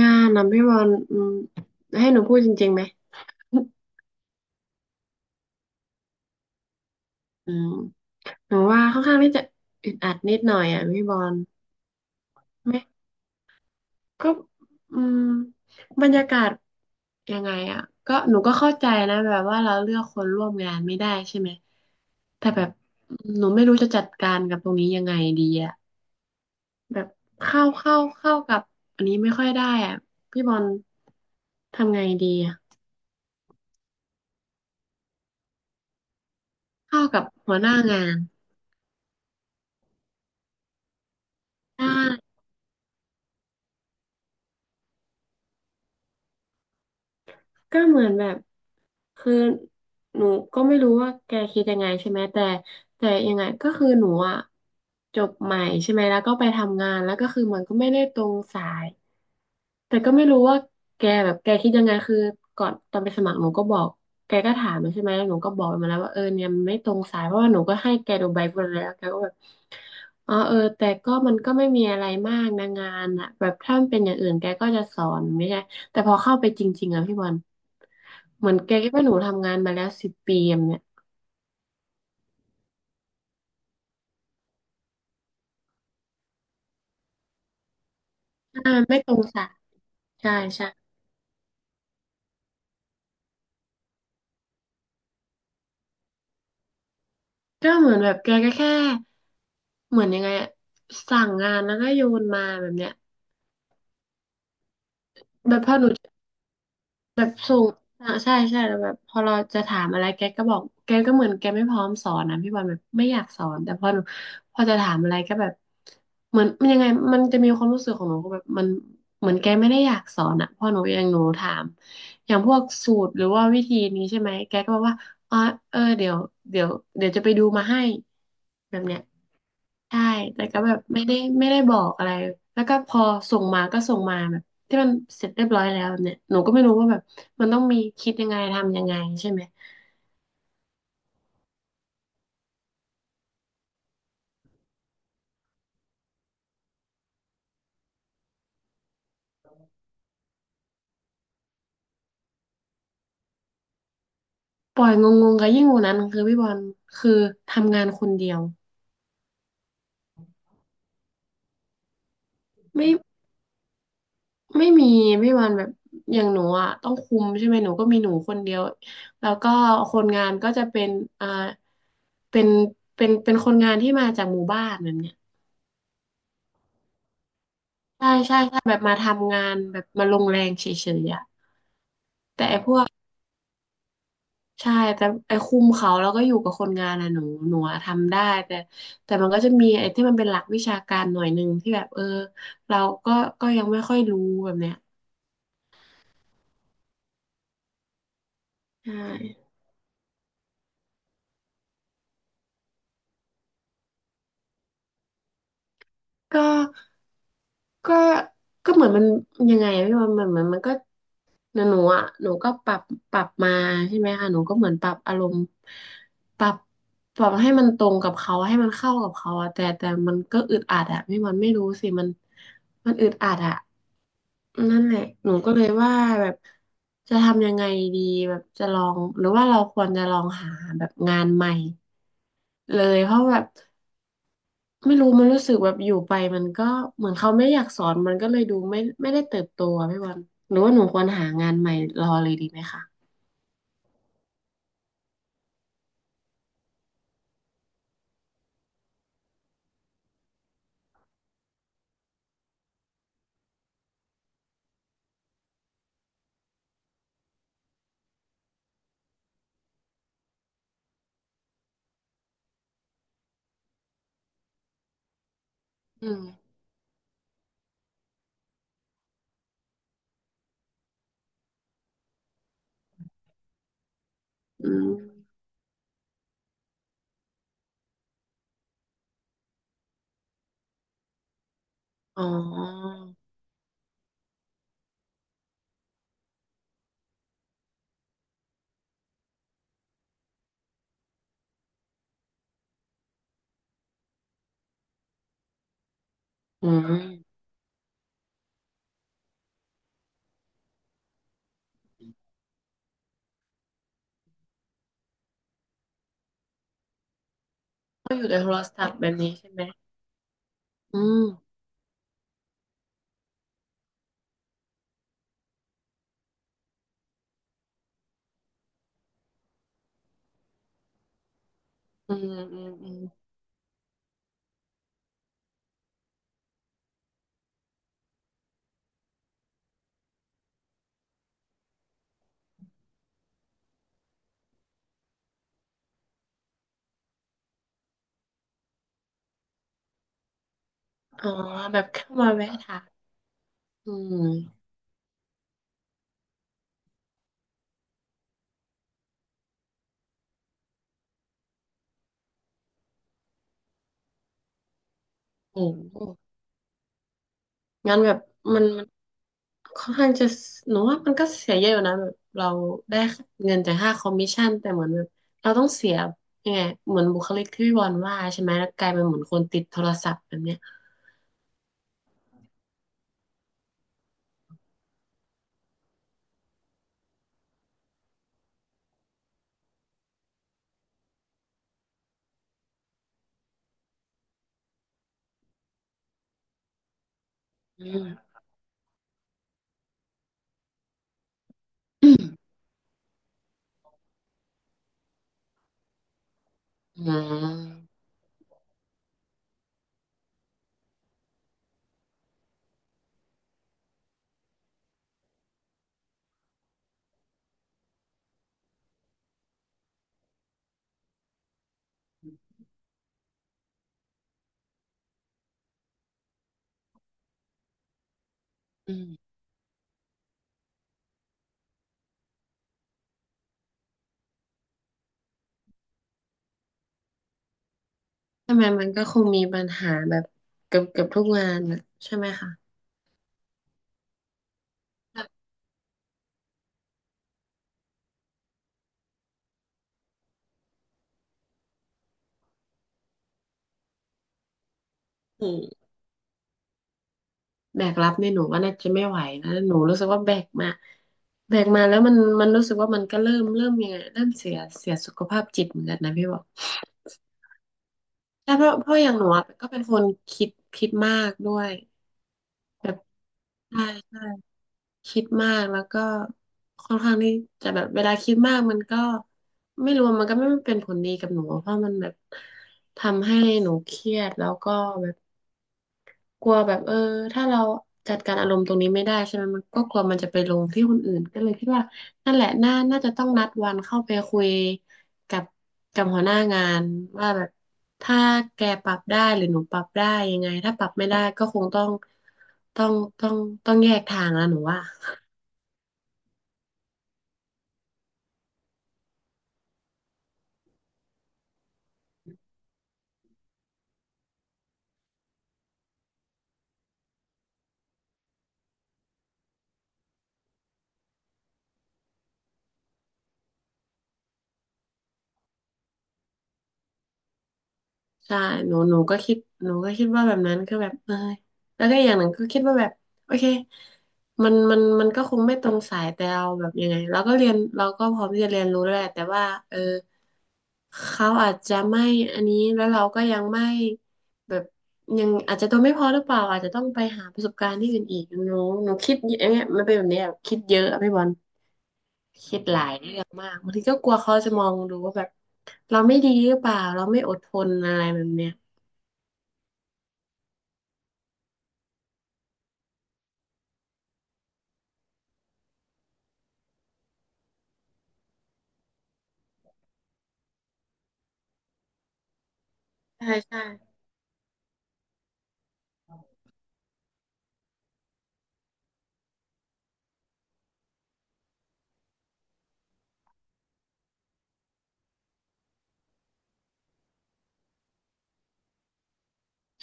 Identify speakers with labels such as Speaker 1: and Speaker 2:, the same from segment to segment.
Speaker 1: งานนะพี่บอลให้หนูพูดจริงๆไหม อืมหนูว่าค่อนข้างที่จะอึดอัดนิดหน่อยอ่ะพี่บอลไม่ก็อืมบรรยากาศยังไงอ่ะก็หนูก็เข้าใจนะแบบว่าเราเลือกคนร่วมงานไม่ได้ใช่ไหม แต่แบบหนูไม่รู้จะจัดการกับตรงนี้ยังไงดีอ่ะแบบเข้ากับอันนี้ไม่ค่อยได้อ่ะพี่บอลทำไงดีอ่ะเข้ากับหัวหน้างานใช่ ก็เหมือนแบบคือหนูก็ไม่รู้ว่าแกคิดยังไงใช่ไหมแต่ยังไงก็คือหนูอ่ะจบใหม่ใช่ไหมแล้วก็ไปทำงานแล้วก็คือมันก็ไม่ได้ตรงสาย แต่ก็ไม่รู้ว่าแกแบบแกคิดยังไงคือก่อนตอนไปสมัครหนูก็บอกแกก็ถามมาใช่ไหมหนูก็บอกมาแล้วว่าเออเนี่ยมันไม่ตรงสายเพราะว่าหนูก็ให้แกดูใบบัวแล้วแกก็แบบอ๋อเออแต่ก็มันก็ไม่มีอะไรมากนะงานอ่ะแบบถ้ามันเป็นอย่างอื่นแกก็จะสอนไม่ใช่แต่พอเข้าไปจริงๆอ่ะพี่บอลเหมือนแกคิดว่าหนูทำงานมาแล้วสิบปีอะเนี่ยอ่ามันไม่ตรงสายใช่ใช่ก็เหมือนแบบแกก็แค่เหมือนยังไงอะสั่งงานแล้วก็โยนมาแบบเนี้ยแบบพอหนู แบบส่งอ่าใช่ใช่แล้วแบบพอเราจะถามอะไรแกก็บอกแกก็เหมือนแกไม่พร้อมสอนนะพี่บอลแบบไม่อยากสอนแต่พอหนูพอจะถามอะไรก็แบบเหมือนมันยังไงมันจะมีความรู้สึกของหนูก็แบบมันเหมือนแกไม่ได้อยากสอนอ่ะพอหนูอย่างหนูถามอย่างพวกสูตรหรือว่าวิธีนี้ใช่ไหมแกก็บอกว่าอ๋อเออเดี๋ยวเดี๋ยวจะไปดูมาให้แบบเนี้ย ใช่ แต่ก็แบบไม่ได้บอกอะไร แล้วก็พอส่งมาก็ส่งมาแบบที่มันเสร็จเรียบร้อยแล้วแบบเนี่ยหนูก็ไม่รู้ว่าแบบมันต้องมีคิดยังไงทำยังไงใช่ไหมปล่อยงงๆกัยิ่งกว่านั้นคือพี่บอลคือทำงานคนเดียวไม่ไม่มีพี่บอลแบบอย่างหนูอ่ะต้องคุมใช่ไหมหนูก็มีหนูคนเดียวแล้วก็คนงานก็จะเป็นอ่าเป็นเป็นคนงานที่มาจากหมู่บ้านแบบเนี้ยใช่ใช่ใช่แบบมาทำงานแบบมาลงแรงเฉยๆอ่ะแต่ไอ้พ ใช่แต่ไอ้คุมเขาแล้วก็อยู่กับคนงานน่ะหนูอะทำได้แต่แต่มันก็จะมีไอ้ที่มันเป็นหลักวิชาการหน่อยหนึ่งที่แบบเออเราก็ก็ยังไม่ค่อยรู้แบบเนี้ยใช่ก็ก็ก็เหมือนมันยังไงอะพี่บอลเหมือนมันก็หนูอ่ะหนูก็ปรับปรับมาใช่ไหมคะหนูก็เหมือนปรับอารมณ์ปรับปรับให้มันตรงกับเขาให้มันเข้ากับเขาอะแต่มันก็อึดอัดอะพี่บอลไม่รู้สิมันมันอึดอัดอะ นั่นแหละหนูก็เลยว่าแบบจะทำยังไงดีแบบจะลองหรือว่าเราควรจะลองหาแบบงานใหม่เลยเพราะแบบไม่รู้มันรู้สึกแบบอยู่ไปมันก็เหมือนเขาไม่อยากสอนมันก็เลยดูไม่ได้เติบโตอะพี่บอลหรือว่าหนูควรหางานใหม่รอเลยดีไหมคะอืมอืมอ๋ออืมก็อยู่ในโทรศัพท์แบบนี้ใช่ไหมอืมอืมอืมอืมอ๋อแบบเข้ามาแวะถามอืมโอ้โหงั้นแบบมัน ค่อนข้างจะหนูว่ามันก็เสียเยอะอยู่นะแบบเราได้เงินจากค่าคอมมิชชั่นแต่เหมือนแบบเราต้องเสียยังไงเหมือนบุคลิกที่พี่บอลว่าใช่ไหมแล้วกลายเป็นเหมือนคนติดโทรศัพท์แบบเนี้ยอืมอืมอืมอืมทำไมมันก็คงมีปัญหาแบบเกือบทุกงานนะใช่ไหมคะแบบอืมแบกรับเนี่ยหนูว่าน่าจะไม่ไหวนะหนูรู้สึกว่าแบกมาแบกมาแล้วมันมันรู้สึกว่ามันก็เริ่มยังไงเริ่มเสียเสียสุขภาพจิตเหมือนกันนะพี่บอล ใช่เพราะอย่างหนูอะก็เป็นคนคิดมากด้วยแบบใช่ใช่คิดมากแล้วก็ค่อนข้างที่จะแบบเวลาคิดมากมันก็ไม่รู้มันก็ไม่เป็นผลดีกับหนูเพราะมันแบบทำให้หนูเครียดแล้วก็แบบ กลัวแบบเออถ้าเราจัดการอารมณ์ตรงนี้ไม่ได้ใช่ไหมมันก็กลัวมันจะไปลงที่คนอื่นก็เลยคิดว่านั่นแหละน่าจะต้องนัดวันเข้าไปคุยกับกับหัวหน้างานว่าแบบถ้าแกปรับได้หรือหนูปรับได้ยังไงถ้าปรับไม่ได้ก็คงต้องต้องต้องต้องแยกทางแล้วหนูว่า ใช่หนูก็คิดหนูก็คิดว่าแบบนั้นคือแบบเออแล้วก็อย่างหนึ่งก็คิดว่าแบบโอเคมันก็คงไม่ตรงสายแต่เราแบบยังไงเราก็เรียนเราก็พร้อมที่จะเรียนรู้แล้วแหละแต่ว่าเออเขาอาจจะไม่อันนี้แล้วเราก็ยังไม่แบบยังอาจจะตัวไม่พอหรือเปล่าอาจจะต้องไปหาประสบการณ์ที่อื่นอีกหนูคิดเยอะเนี่ยมันเป็นแบบเนี้ยคิดเยอะอะพี่บอลคิดหลายเรื่องมากบางทีก็กลัวเขาจะมองดูว่าแบบเราไม่ดีหรือเปล่าเราไม่อดทนอะไรแบบเนี้ย ใช่ใช่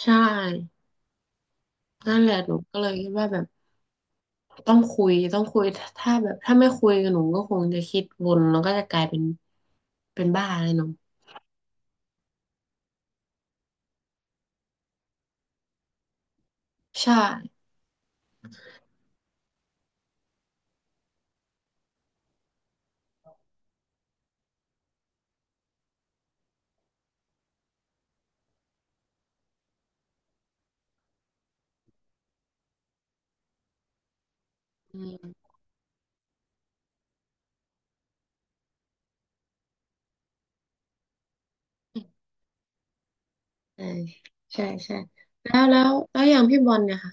Speaker 1: ใช่นั่นแหละหนูก็เลยคิดว่าแบบต้องคุยถ้าแบบถ้าไม่คุยกับหนูก็คงจะคิดวนแล้วก็จะกลายเป็นเป็นบ้าเลยหนูใช่อืมใช่ใช่ใช่แล้วอย่างพี่บอลเนี่ยค่ะ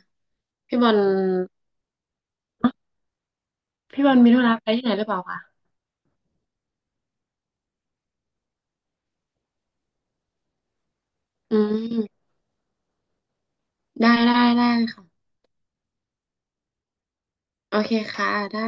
Speaker 1: พี่บอลเนอะพี่บอลมีธุระไปที่ไหนหรือเปล่าคะอืมได้ค่ะโอเคค่ะได้